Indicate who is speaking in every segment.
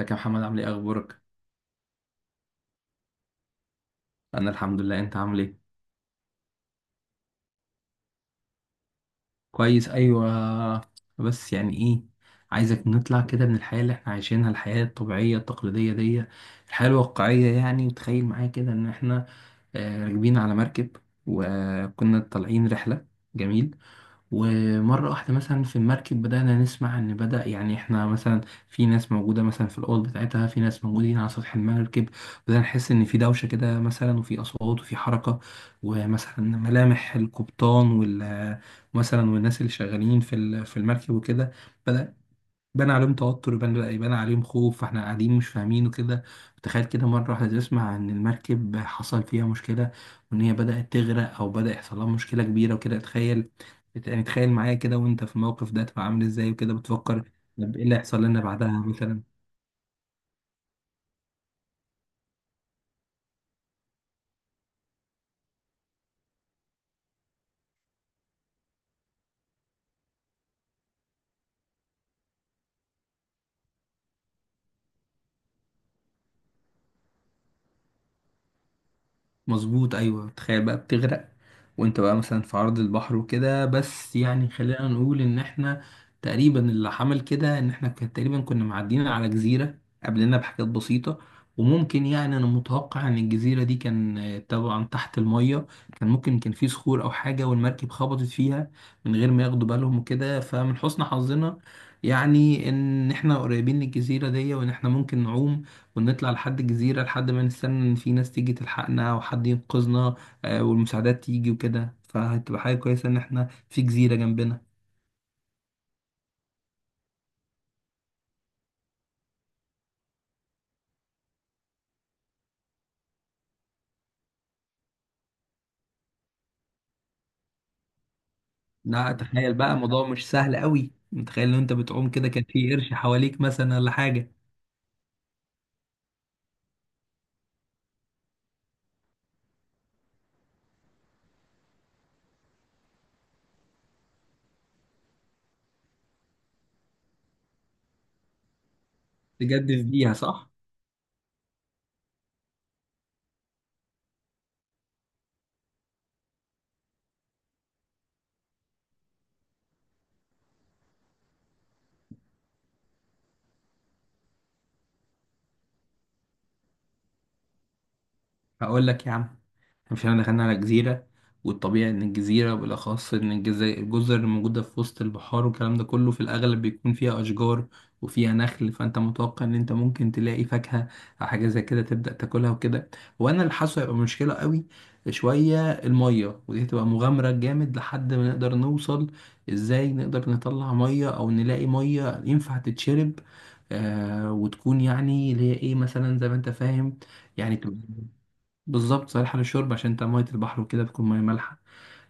Speaker 1: ازيك يا محمد؟ عامل ايه؟ اخبارك؟ انا الحمد لله. انت عامل ايه؟ كويس، ايوه. بس يعني ايه، عايزك نطلع كده من الحياه اللي احنا عايشينها، الحياه الطبيعيه التقليديه دي، الحياه الواقعيه يعني. وتخيل معايا كده ان احنا راكبين على مركب وكنا طالعين رحله. جميل. ومرة واحدة مثلا في المركب بدأنا نسمع إن بدأ يعني إحنا مثلا في ناس موجودة مثلا في الأوض بتاعتها، في ناس موجودين على سطح المركب، بدأنا نحس إن في دوشة كده مثلا وفي أصوات وفي حركة، ومثلا ملامح القبطان مثلا والناس اللي شغالين في المركب وكده بدأ بان عليهم توتر، يبان، لا، يبان عليهم خوف، فاحنا قاعدين مش فاهمين وكده. تخيل كده مرة واحدة تسمع ان المركب حصل فيها مشكلة وان هي بدأت تغرق او بدأ يحصل لها مشكلة كبيرة وكده. تخيل، يعني تخيل معايا كده وانت في الموقف ده تبقى عامل ازاي وكده، بتفكر طب ايه اللي هيحصل لنا بعدها مثلا. مظبوط، ايوه، تخيل بقى بتغرق وانت بقى مثلا في عرض البحر وكده، بس يعني خلينا نقول ان احنا تقريبا اللي حمل كده ان احنا كان تقريبا كنا معديين على جزيرة قبلنا بحاجات بسيطة. وممكن يعني انا متوقع ان الجزيرة دي كان طبعا تحت المية، كان ممكن كان في صخور او حاجة والمركب خبطت فيها من غير ما ياخدوا بالهم وكده. فمن حسن حظنا يعني ان احنا قريبين للجزيرة دي وان احنا ممكن نعوم ونطلع لحد الجزيرة لحد ما نستنى إن في ناس تيجي تلحقنا وحد ينقذنا. والمساعدات تيجي وكده، فهتبقى حاجة كويسة إن إحنا في جزيرة جنبنا. لا، تخيل بقى الموضوع مش سهل قوي، متخيل لو أنت بتعوم كده كان في قرش حواليك مثلا ولا حاجة، تجدف بيها صح؟ هقول لك يا عم، مش احنا دخلنا على جزيرة، والطبيعي ان الجزيرة، بالاخص ان الجزر الموجودة في وسط البحار والكلام ده كله في الاغلب بيكون فيها اشجار وفيها نخل، فانت متوقع ان انت ممكن تلاقي فاكهة او حاجة زي كده تبدأ تاكلها وكده. وانا اللي حاسه هيبقى مشكلة قوي شوية المية، ودي هتبقى مغامرة جامد لحد ما نقدر نوصل ازاي، نقدر نطلع مية او نلاقي مية ينفع تتشرب وتكون يعني اللي هي ايه مثلا زي ما انت فاهم، يعني تبقى بالظبط صالحة للشرب، عشان انت مية البحر وكده بتكون مية مالحة،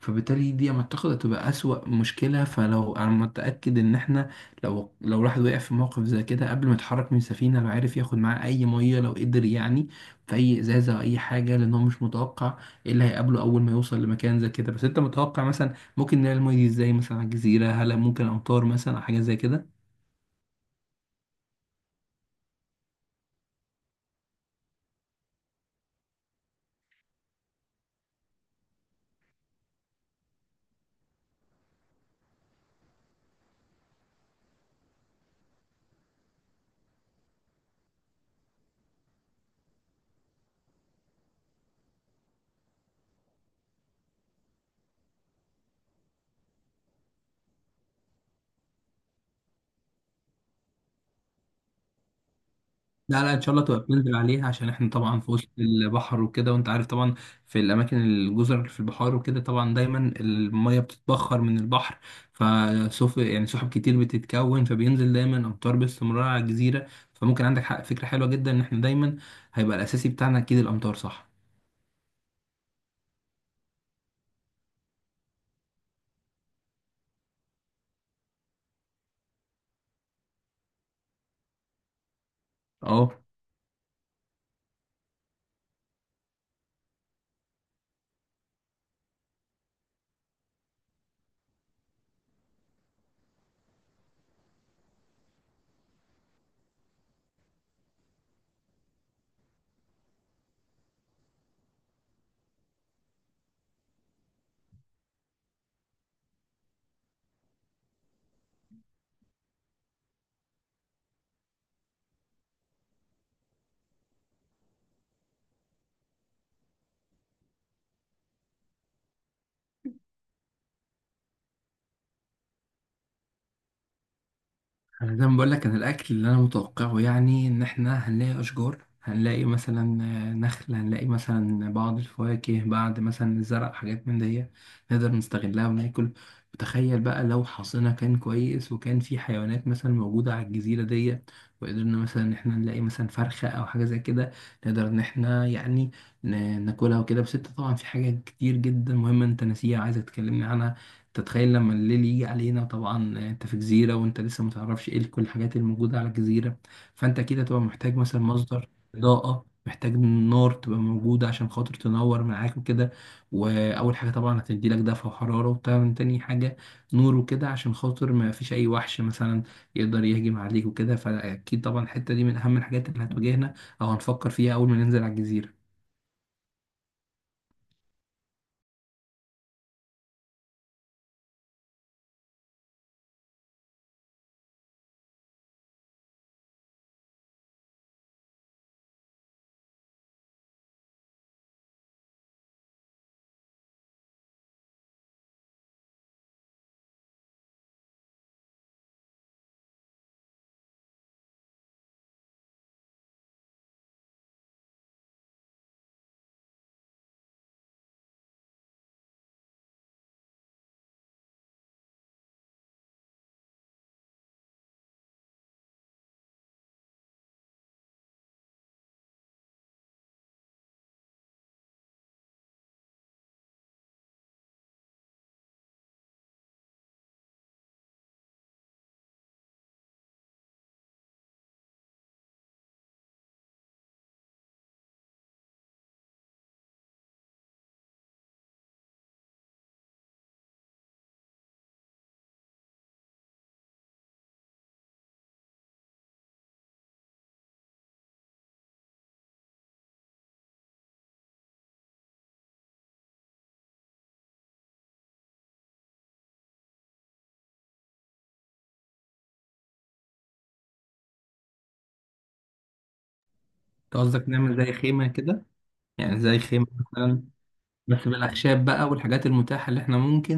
Speaker 1: فبالتالي دي لما تاخد هتبقى أسوأ مشكلة. فلو أنا متأكد إن إحنا، لو الواحد وقع في موقف زي كده قبل ما يتحرك من السفينة، لو عارف ياخد معاه أي مية لو قدر، يعني في أي إزازة أو أي حاجة، لأن هو مش متوقع إيه اللي هيقابله أول ما يوصل لمكان زي كده. بس أنت متوقع مثلا ممكن نلاقي المية دي إزاي مثلا على الجزيرة؟ هل ممكن أمطار مثلا أو حاجة زي كده؟ لا، لا، ان شاء الله تبقى بننزل عليها، عشان احنا طبعا في وسط البحر وكده وانت عارف طبعا في الاماكن الجزر اللي في البحار وكده طبعا دايما الميه بتتبخر من البحر، فسوف يعني سحب كتير بتتكون فبينزل دايما امطار باستمرار على الجزيره. فممكن عندك حق، فكره حلوه جدا ان احنا دايما هيبقى الاساسي بتاعنا اكيد الامطار، صح. اه. انا زي ما بقول لك، انا الاكل اللي انا متوقعه يعني ان احنا هنلاقي اشجار، هنلاقي مثلا نخل، هنلاقي مثلا بعض الفواكه بعد مثلا الزرع، حاجات من دي نقدر نستغلها وناكل. وتخيل بقى لو حظنا كان كويس وكان في حيوانات مثلا موجودة على الجزيرة دي، وقدرنا مثلا ان احنا نلاقي مثلا فرخة او حاجة زي كده، نقدر ان احنا يعني ناكلها وكده. بس انت طبعا في حاجات كتير جدا مهمة انت ناسيها عايز تكلمني عنها. تتخيل لما الليل يجي علينا طبعا، انت في جزيرة وانت لسه متعرفش ايه كل الحاجات الموجودة على الجزيرة، فانت اكيد هتبقى محتاج مثلا مصدر إضاءة، محتاج نار تبقى موجودة عشان خاطر تنور معاك وكده. وأول حاجة طبعا هتدي لك دفع وحرارة، وطبعا تاني حاجة نور وكده عشان خاطر ما فيش أي وحش مثلا يقدر يهجم عليك وكده. فأكيد طبعا الحتة دي من أهم الحاجات اللي هتواجهنا أو هنفكر فيها أول ما ننزل على الجزيرة. أنت قصدك نعمل زي خيمة كده؟ يعني زي خيمة مثلا، بس بالأخشاب بقى والحاجات المتاحة اللي احنا ممكن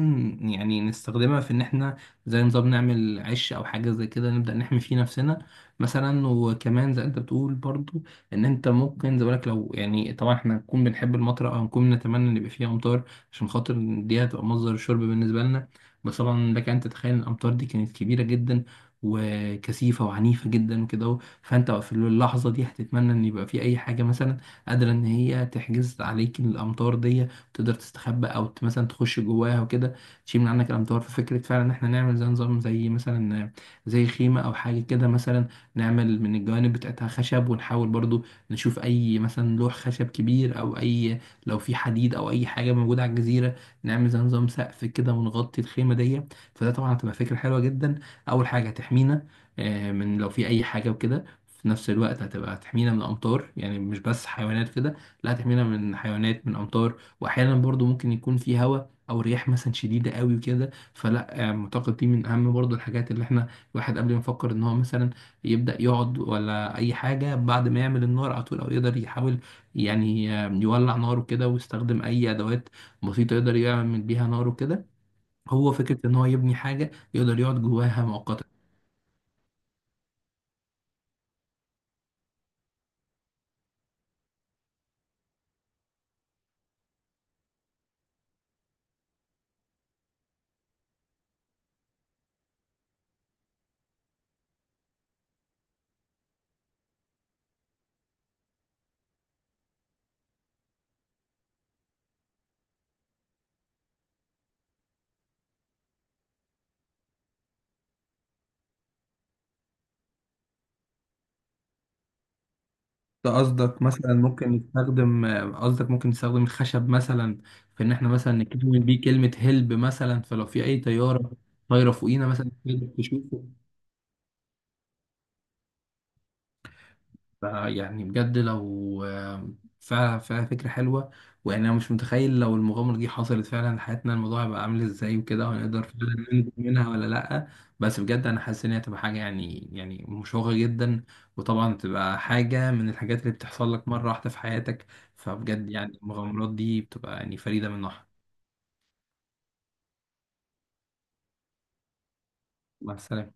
Speaker 1: يعني نستخدمها في إن احنا زي نظام نعمل عش أو حاجة زي كده، نبدأ نحمي فيه نفسنا مثلا. وكمان زي أنت بتقول برضو، إن أنت ممكن زي بالك لو، يعني طبعا احنا هنكون بنحب المطر أو هنكون نتمنى إن يبقى فيها أمطار عشان خاطر دي هتبقى مصدر شرب بالنسبة لنا. بس طبعا لك أن تتخيل إن الأمطار دي كانت كبيرة جدا وكثيفة وعنيفة جدا وكده اهو. فأنت في اللحظة دي هتتمنى إن يبقى في أي حاجة مثلا قادرة إن هي تحجز عليك الأمطار دي، تقدر تستخبى او مثلا تخش جواها وكده، تشيل من عنك الامتار. ففكره فعلا ان احنا نعمل زي نظام، زي مثلا زي خيمه او حاجه كده مثلا، نعمل من الجوانب بتاعتها خشب، ونحاول برضو نشوف اي مثلا لوح خشب كبير، او اي لو في حديد او اي حاجه موجوده على الجزيره نعمل زي نظام سقف كده ونغطي الخيمه دي. فده طبعا هتبقى فكره حلوه جدا، اول حاجه هتحمينا من لو في اي حاجه وكده، في نفس الوقت هتحمينا من الامطار، يعني مش بس حيوانات كده، لا، هتحمينا من حيوانات، من امطار، واحيانا برضو ممكن يكون في هواء او رياح مثلا شديده قوي وكده. فلا معتقد دي من اهم برضو الحاجات اللي احنا الواحد قبل ما يفكر ان هو مثلا يبدا يقعد ولا اي حاجه بعد ما يعمل النار على طول، او يقدر يحاول يعني يولع ناره كده، ويستخدم اي ادوات بسيطه يقدر يعمل بيها ناره كده، هو فكره ان هو يبني حاجه يقدر يقعد جواها مؤقتا. ده قصدك مثلا ممكن نستخدم قصدك ممكن نستخدم الخشب مثلا في ان احنا مثلا نكون بيه كلمة هلب مثلا، فلو في اي طيارة طايرة فوقينا مثلا تقدر تشوفه. فيعني بجد لو آه، فعلا فعلا فكرة حلوة. ويعني أنا مش متخيل لو المغامرة دي حصلت فعلا حياتنا الموضوع هيبقى عامل إزاي وكده، وهنقدر فعلا ننجو منها ولا لأ. بس بجد أنا حاسس إن هي هتبقى حاجة يعني مشوقة جدا، وطبعا تبقى حاجة من الحاجات اللي بتحصل لك مرة واحدة في حياتك، فبجد يعني المغامرات دي بتبقى يعني فريدة من نوعها. مع السلامة.